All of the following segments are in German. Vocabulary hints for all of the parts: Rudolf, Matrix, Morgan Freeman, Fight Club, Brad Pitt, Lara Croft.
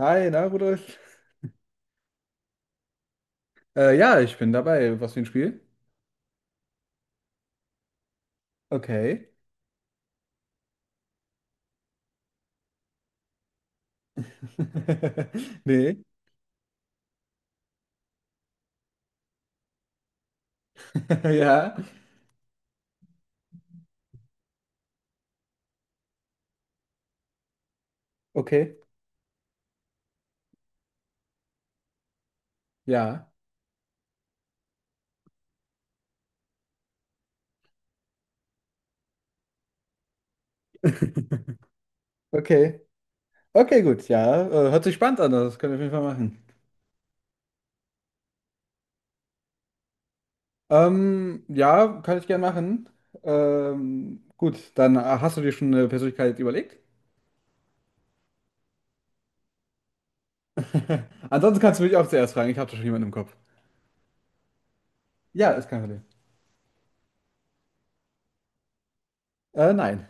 Hi, na Rudolf? Ja, ich bin dabei. Was für ein Spiel? Okay. Nee. Ja. Okay. Ja. Okay. Okay, gut. Ja, hört sich spannend an. Das können wir auf jeden Fall machen. Ja, kann ich gern machen. Gut, dann hast du dir schon eine Persönlichkeit überlegt? Ansonsten kannst du mich auch zuerst fragen. Ich habe da schon jemanden im Kopf. Ja, ist kein Problem. Nein.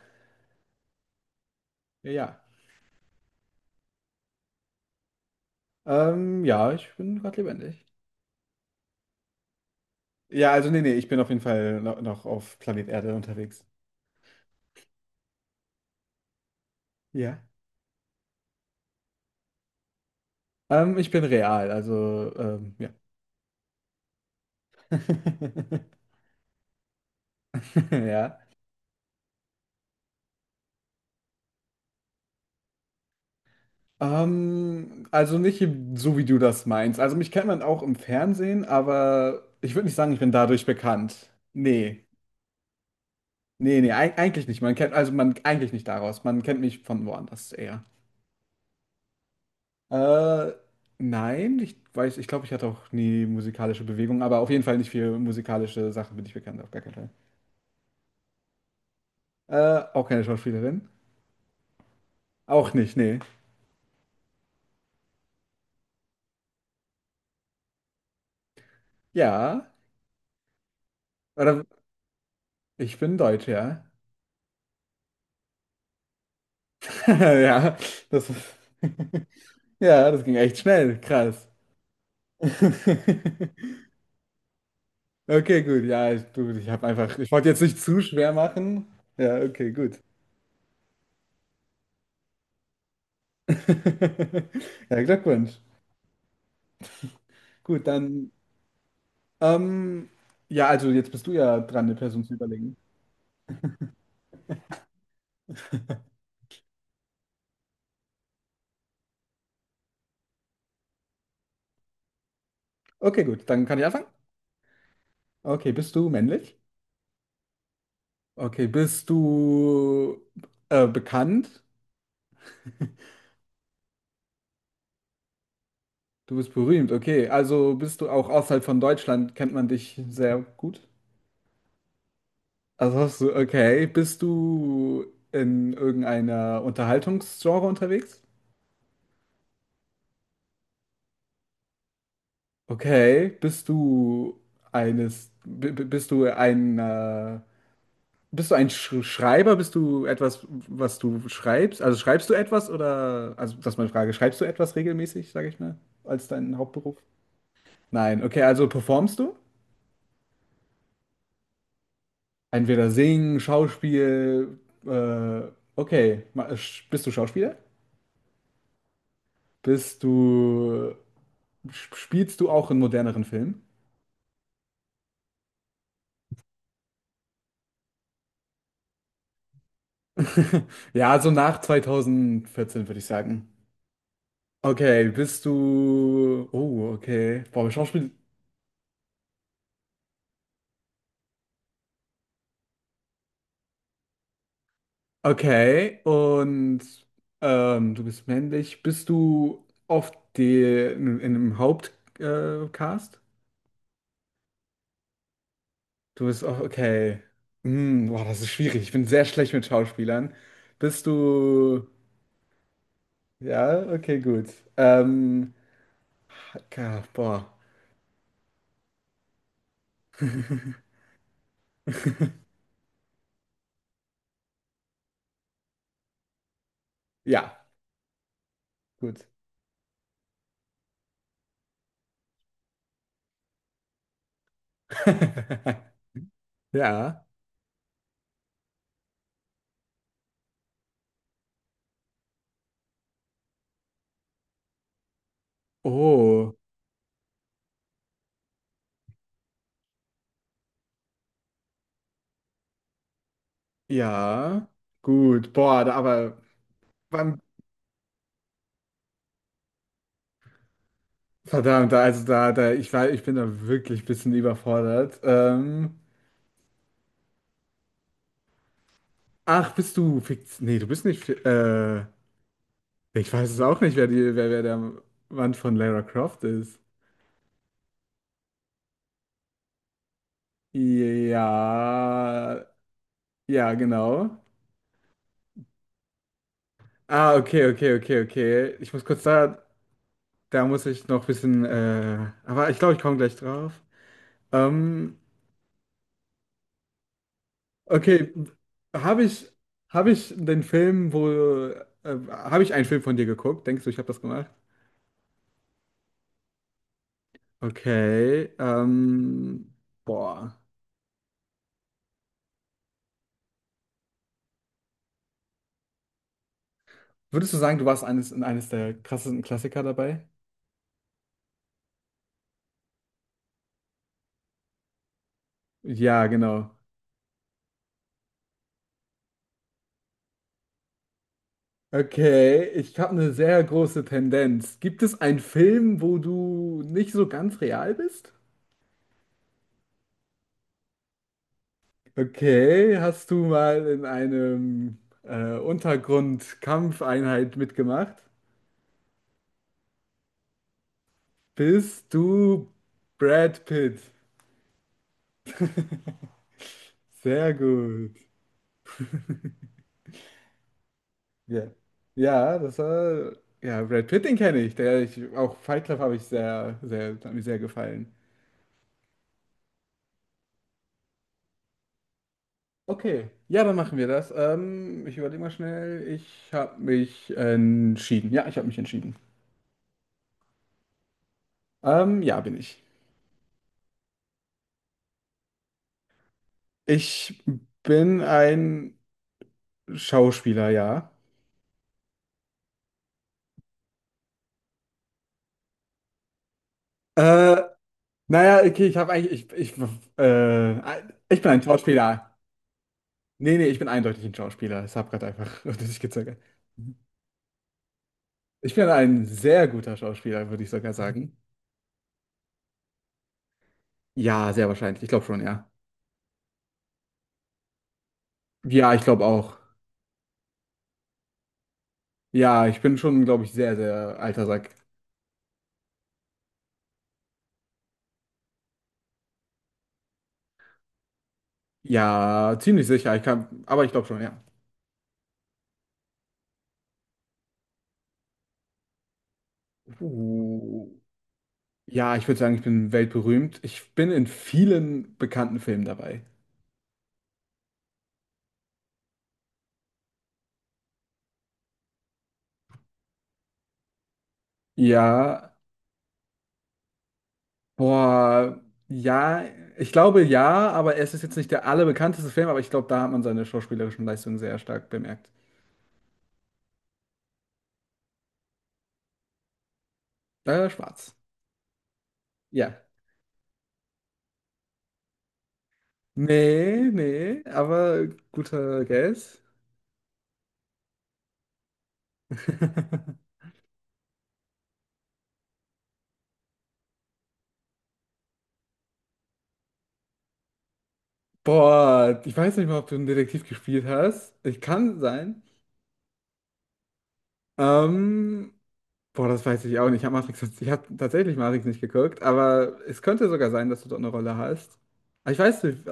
Ja, ja. Ja, ich bin gerade lebendig. Ja, also nee, nee, ich bin auf jeden Fall noch auf Planet Erde unterwegs. Ja. Ich bin real, also ja. Ja. Also nicht so, wie du das meinst. Also mich kennt man auch im Fernsehen, aber ich würde nicht sagen, ich bin dadurch bekannt. Nee, nee, nee, eigentlich nicht. Man kennt, also man eigentlich nicht daraus. Man kennt mich von woanders eher. Äh, nein, ich glaube, ich hatte auch nie musikalische Bewegung, aber auf jeden Fall nicht für musikalische Sachen bin ich bekannt, auf gar keinen Fall. Auch keine Schauspielerin. Auch nicht, nee. Ja. Oder ich bin Deutsch, ja. Ja, das ist. Ja, das ging echt schnell. Krass. Okay, gut. Ich habe einfach. Ich wollte jetzt nicht zu schwer machen. Ja, okay, gut. Ja, Glückwunsch. Gut, dann. Ähm, ja, also jetzt bist du ja dran, eine Person zu überlegen. Okay, gut. Dann kann ich anfangen. Okay, bist du männlich? Okay, bist du bekannt? Du bist berühmt, okay. Also bist du auch außerhalb von Deutschland, kennt man dich sehr gut. Okay, bist du in irgendeiner Unterhaltungsgenre unterwegs? Okay, bist du eines, b- b- bist du ein Sch Schreiber? Bist du etwas, was du schreibst? Also schreibst du etwas oder, also das ist meine Frage, schreibst du etwas regelmäßig, sage ich mal, als deinen Hauptberuf? Nein, okay, also performst du? Entweder singen, Schauspiel, äh, okay. Bist du Schauspieler? Bist du, spielst du auch in moderneren Filmen? Ja, so nach 2014 würde ich sagen. Okay. Boah, Schauspiel, okay. Und du bist männlich. Bist du oft in einem Hauptcast? Cast? Du bist auch okay. Hm, boah, das ist schwierig. Ich bin sehr schlecht mit Schauspielern. Bist du. Ja, okay, gut. Ähm, ja, boah. Ja, gut. Ja. Oh, ja. Gut. Boah, da, aber beim- verdammt, da- also da, da, ich war, ich bin da wirklich ein bisschen überfordert. Ach, bist du fix? Nee, du bist nicht. Ich weiß es auch nicht, wer der Mann von Lara Croft ist. Ja, ja, genau. Ah, okay, okay, okay, okay. Ich muss kurz da, da muss ich noch ein bisschen, aber ich glaube, ich komme gleich drauf. Ähm, okay, habe ich, habe ich den Film, habe ich einen Film von dir geguckt? Denkst du, ich habe das gemacht? Okay, boah. Würdest du sagen, du warst eines der krassesten Klassiker dabei? Ja, genau. Okay, ich habe eine sehr große Tendenz. Gibt es einen Film, wo du nicht so ganz real bist? Okay, hast du mal in einem Untergrundkampfeinheit mitgemacht? Bist du Brad Pitt? Sehr gut. Ja, ja, das war ja Brad Pitt, den kenne ich. Der ich auch Fight Club habe ich sehr, sehr, hat mir sehr gefallen. Okay, ja, dann machen wir das. Ich überlege mal schnell. Ich habe mich entschieden. Ja, ich habe mich entschieden. Ja, bin ich. Ich bin ein Schauspieler, ja. Äh, naja, okay, ich habe eigentlich, ich, ich bin ein Schauspieler. Nee, nee, ich bin eindeutig ein Schauspieler. Ich habe gerade einfach nicht gezögert. Ich bin ein sehr guter Schauspieler, würde ich sogar sagen. Ja, sehr wahrscheinlich. Ich glaube schon, ja. Ja, ich glaube auch. Ja, ich bin schon, glaube ich, sehr, sehr alter Sack. Ja, ziemlich sicher. Ich kann, aber ich glaube schon, ja. Uh, ja, ich würde sagen, ich bin weltberühmt. Ich bin in vielen bekannten Filmen dabei. Ja, boah, ja, ich glaube ja, aber es ist jetzt nicht der allerbekannteste Film, aber ich glaube, da hat man seine schauspielerischen Leistungen sehr stark bemerkt. Schwarz. Ja. Nee, nee, aber guter Guess. Boah, ich weiß nicht mal, ob du einen Detektiv gespielt hast. Ich kann sein. Ähm, Boah, das weiß ich auch nicht. Ich habe tatsächlich Matrix nicht geguckt, aber es könnte sogar sein, dass du dort eine Rolle hast. Aber ich weiß nicht.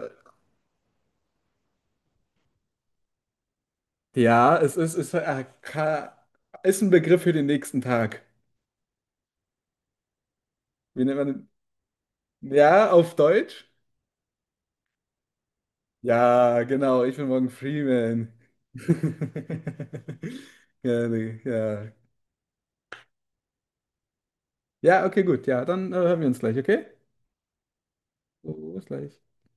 Ja, es ist, ist, ka- ist ein Begriff für den nächsten Tag. Wie nennt man den? Ja, auf Deutsch? Ja, genau, ich bin Morgan Freeman. Ja, nee, ja. Ja, okay, gut. Ja, dann hören wir uns gleich, okay? Oh, bis gleich.